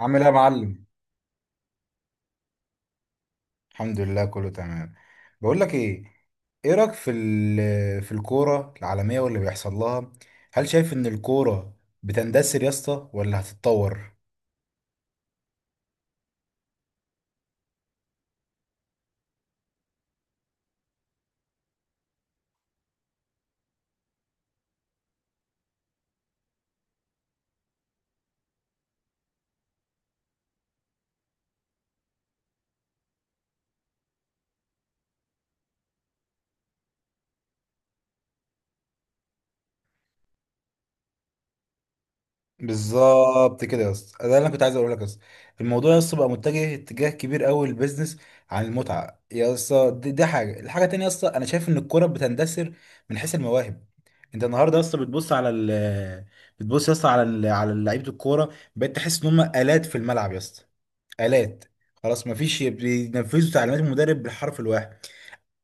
عامل ايه يا معلم؟ الحمد لله، كله تمام. بقول لك ايه، ايه رايك في في الكوره العالميه واللي بيحصل لها؟ هل شايف ان الكوره بتندثر يا اسطى ولا هتتطور؟ بالظبط كده يا اسطى، ده اللي انا كنت عايز اقول لك يا اسطى. الموضوع يا اسطى بقى متجه اتجاه كبير قوي للبيزنس عن المتعه يا اسطى. دي حاجه، الحاجه التانيه يا اسطى انا شايف ان الكوره بتندثر من حيث المواهب. انت النهارده يا اسطى بتبص يا اسطى على لعيبه الكوره، بقيت تحس ان هم آلات في الملعب يا اسطى، آلات. خلاص مفيش، بينفذوا تعليمات المدرب بالحرف الواحد.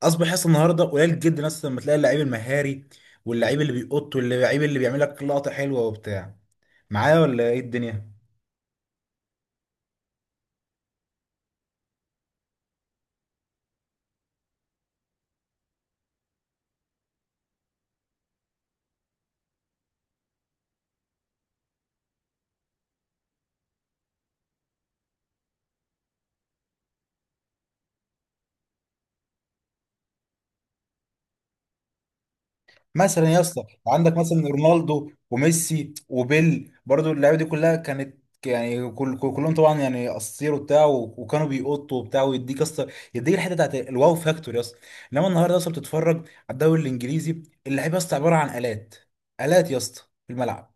اصبح يحصل النهارده قليل جدا، اصلا لما تلاقي اللعيب المهاري، واللعيب اللي بيقط، واللعيب اللي بيعمل لك لقطه حلوه وبتاع، معايا ولا ايه الدنيا؟ مثلا يا اسطى عندك مثلا رونالدو وميسي وبيل، برضو اللعيبه دي كلها كانت، يعني كلهم طبعا يعني اساطير وبتاع وكانوا بيقطوا وبتاع، ويديك يا اسطى، يديك الحته بتاعت الواو فاكتور يا اسطى. انما النهارده يا اسطى بتتفرج على الدوري الانجليزي، اللعيبه يا اسطى عباره عن الات، الات يا اسطى، في الملعب.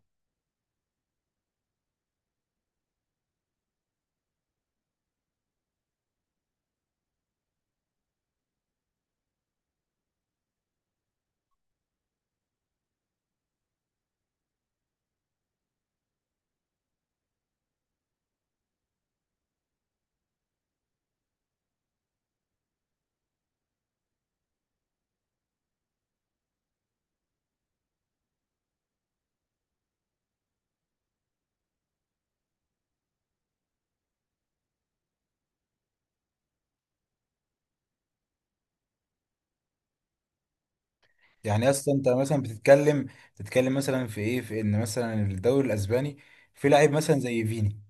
يعني يا اسطى انت مثلا بتتكلم مثلا في ايه، في ان مثلا الدوري الاسباني في لاعب مثلا زي فيني.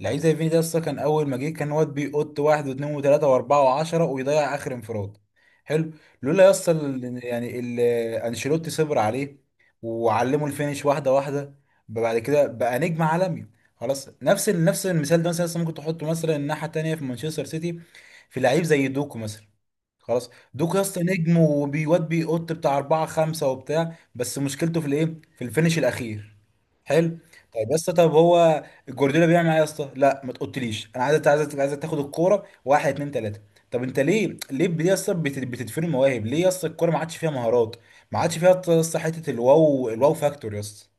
لعيب زي فيني ده اصلا كان اول ما جه كان واد بيقط واحد واثنين وثلاثه واربعه وعشره، ويضيع اخر انفراد. حلو. لولا يا اسطى انشيلوتي صبر عليه وعلمه الفينش واحده واحده، بعد كده بقى نجم عالمي. خلاص، نفس المثال ده مثلا لسه ممكن تحطه مثلا الناحيه التانيه في مانشستر سيتي، في لعيب زي دوكو مثلا. خلاص، دوك يا اسطى نجم، وبيواد بيقط بتاع أربعة خمسة وبتاع، بس مشكلته في الإيه؟ في الفينش الأخير. حلو. طيب يا اسطى، طب هو جوارديولا بيعمل إيه يا اسطى؟ لا ما تقوليش، أنا عايزك تاخد الكورة واحد اتنين تلاتة. طب أنت ليه بتدفن المواهب؟ ليه يا اسطى الكورة ما عادش فيها مهارات؟ ما عادش فيها يا اسطى حتة الواو فاكتور يا اسطى.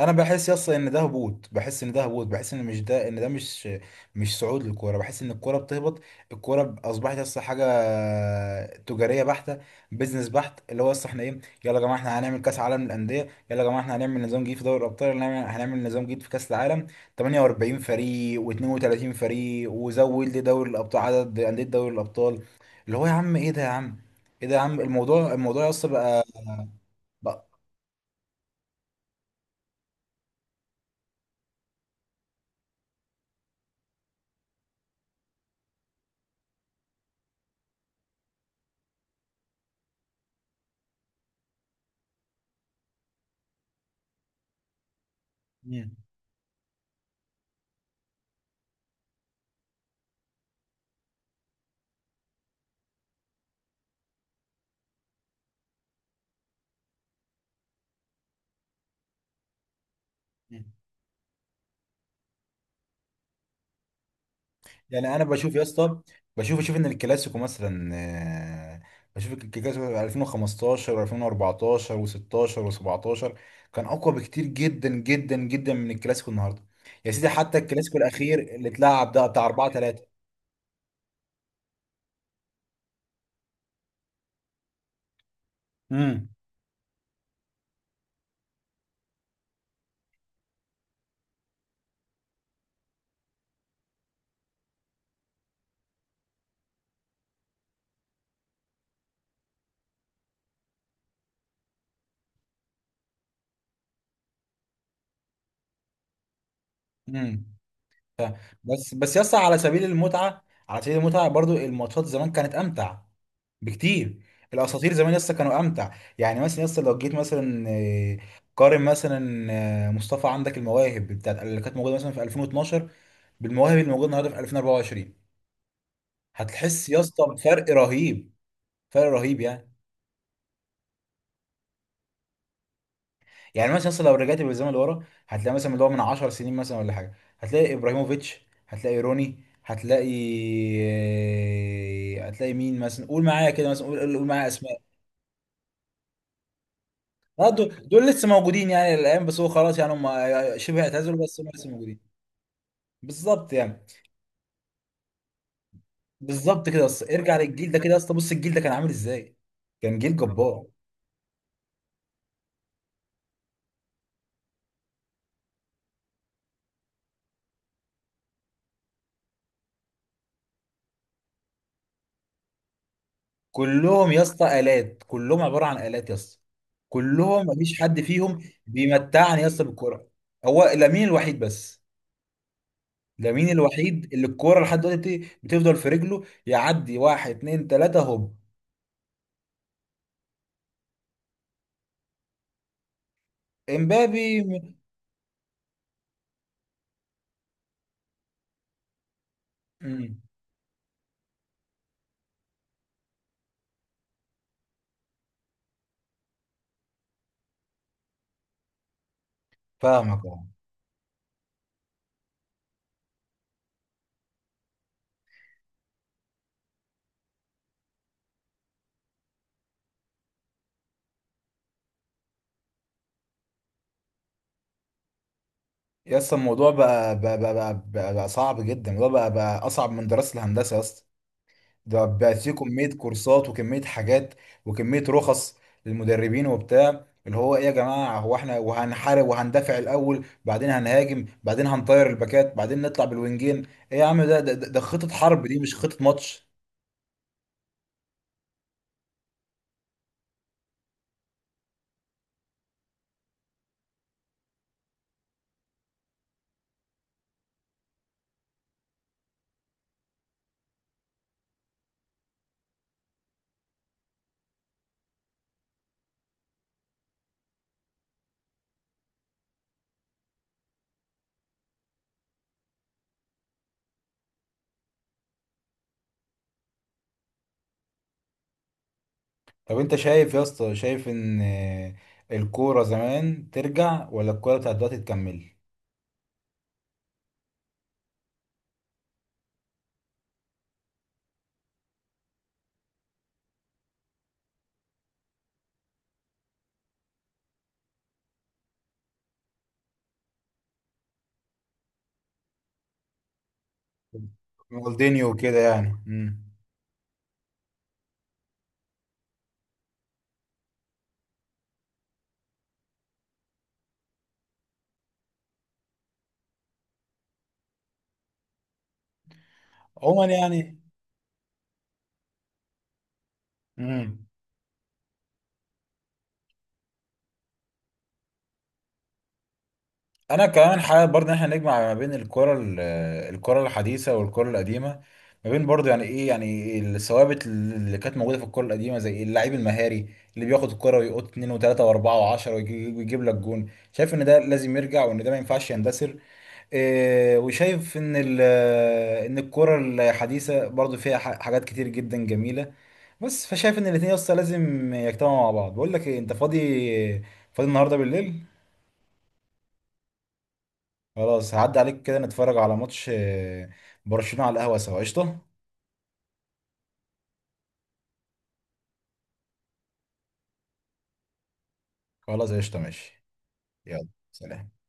انا بحس يس ان ده هبوط، بحس ان ده هبوط، بحس ان مش ده، ان ده، مش صعود للكوره، بحس ان الكوره بتهبط. الكوره اصبحت يس حاجه تجاريه بحته، بيزنس بحت، اللي هو يس احنا ايه؟ يلا يا جماعه احنا هنعمل كاس عالم للانديه، يلا يا جماعه احنا هنعمل نظام جديد في دوري الابطال، يلا هنعمل نظام جديد في كاس العالم. 48 فريق و32 فريق، وزود لي دوري الابطال عدد انديه دوري الابطال. اللي هو يا عم، ايه ده يا عم، ايه ده يا عم؟ الموضوع يس بقى، بقى- مم. يعني انا بشوف يا اسطى، اشوف ان الكلاسيكو مثلا، بشوف الكلاسيكو 2015 و2014 و16 و17 كان اقوى بكتير جدا جدا جدا من الكلاسيكو النهارده. يا سيدي حتى الكلاسيكو الاخير اللي اتلعب ده بتاع 4 3. امم امم بس بس يسطا على سبيل المتعه، على سبيل المتعه برضو الماتشات زمان كانت امتع بكتير. الاساطير زمان يسطا كانوا امتع. يعني مثلا يسطا لو جيت مثلا، قارن مثلا، مصطفى عندك المواهب بتاعت اللي كانت موجوده مثلا في 2012 بالمواهب اللي موجوده النهارده في 2024، هتحس يسطا بفرق رهيب، فرق رهيب يعني. يعني مثلا اصلا لو رجعت بالزمن لورا هتلاقي مثلا اللي هو من 10 سنين مثلا ولا حاجه، هتلاقي ابراهيموفيتش، هتلاقي روني، هتلاقي، هتلاقي مين مثلا؟ قول معايا كده مثلا، قول معايا اسماء. دول دول لسه موجودين يعني الايام، بس هو خلاص يعني هم، شبه اعتزلوا، بس هم لسه موجودين. بالظبط يعني، بالظبط كده اصلا ارجع للجيل ده، كده اصلا بص الجيل ده كان عامل ازاي، كان جيل جبار. كلهم يا اسطى آلات، كلهم عبارة عن آلات يا اسطى، كلهم مفيش حد فيهم بيمتعني يا اسطى بالكرة. هو لامين الوحيد بس، لامين الوحيد اللي الكرة لحد دلوقتي بتفضل في رجله، يعدي واحد اتنين تلاتة هوب. امبابي م- مم. فاهمك اه. يا اسطى الموضوع بقى صعب جدا، الموضوع بقى أصعب من دراسة الهندسة يا اسطى. ده بقت فيه كمية كورسات وكمية حاجات وكمية رخص للمدربين وبتاع، اللي هو ايه يا جماعة، هو احنا وهنحارب وهندافع الأول، بعدين هنهاجم، بعدين هنطير الباكات، بعدين نطلع بالوينجين؟ ايه يا عم، ده خطة حرب دي، مش خطة ماتش. طب انت شايف يا اسطى، شايف ان الكورة زمان ترجع ولا الكورة بتاعت دلوقتي تكمل؟ رونالدينيو وكده يعني. عموما يعني. امم انا كمان حابب برضه ان احنا نجمع ما بين الكرة الحديثة والكرة القديمة، ما بين برضه يعني ايه، يعني الثوابت اللي كانت موجودة في الكرة القديمة، زي اللعيب المهاري اللي بياخد الكرة ويقط اتنين وتلاتة واربعة وعشرة ويجيب لك جون. شايف ان ده لازم يرجع، وان ده ما ينفعش يندثر. إيه، وشايف ان ان الكرة الحديثة برضه فيها حاجات كتير جدا جميلة، بس فشايف ان الاتنين يا اسطى لازم يجتمعوا مع بعض. بقول لك إيه، انت فاضي؟ فاضي النهارده بالليل؟ خلاص، هعدي عليك كده نتفرج على ماتش، برشلونة، على القهوة سوا، قشطة؟ خلاص، قشطة، ماشي. يلا سلام.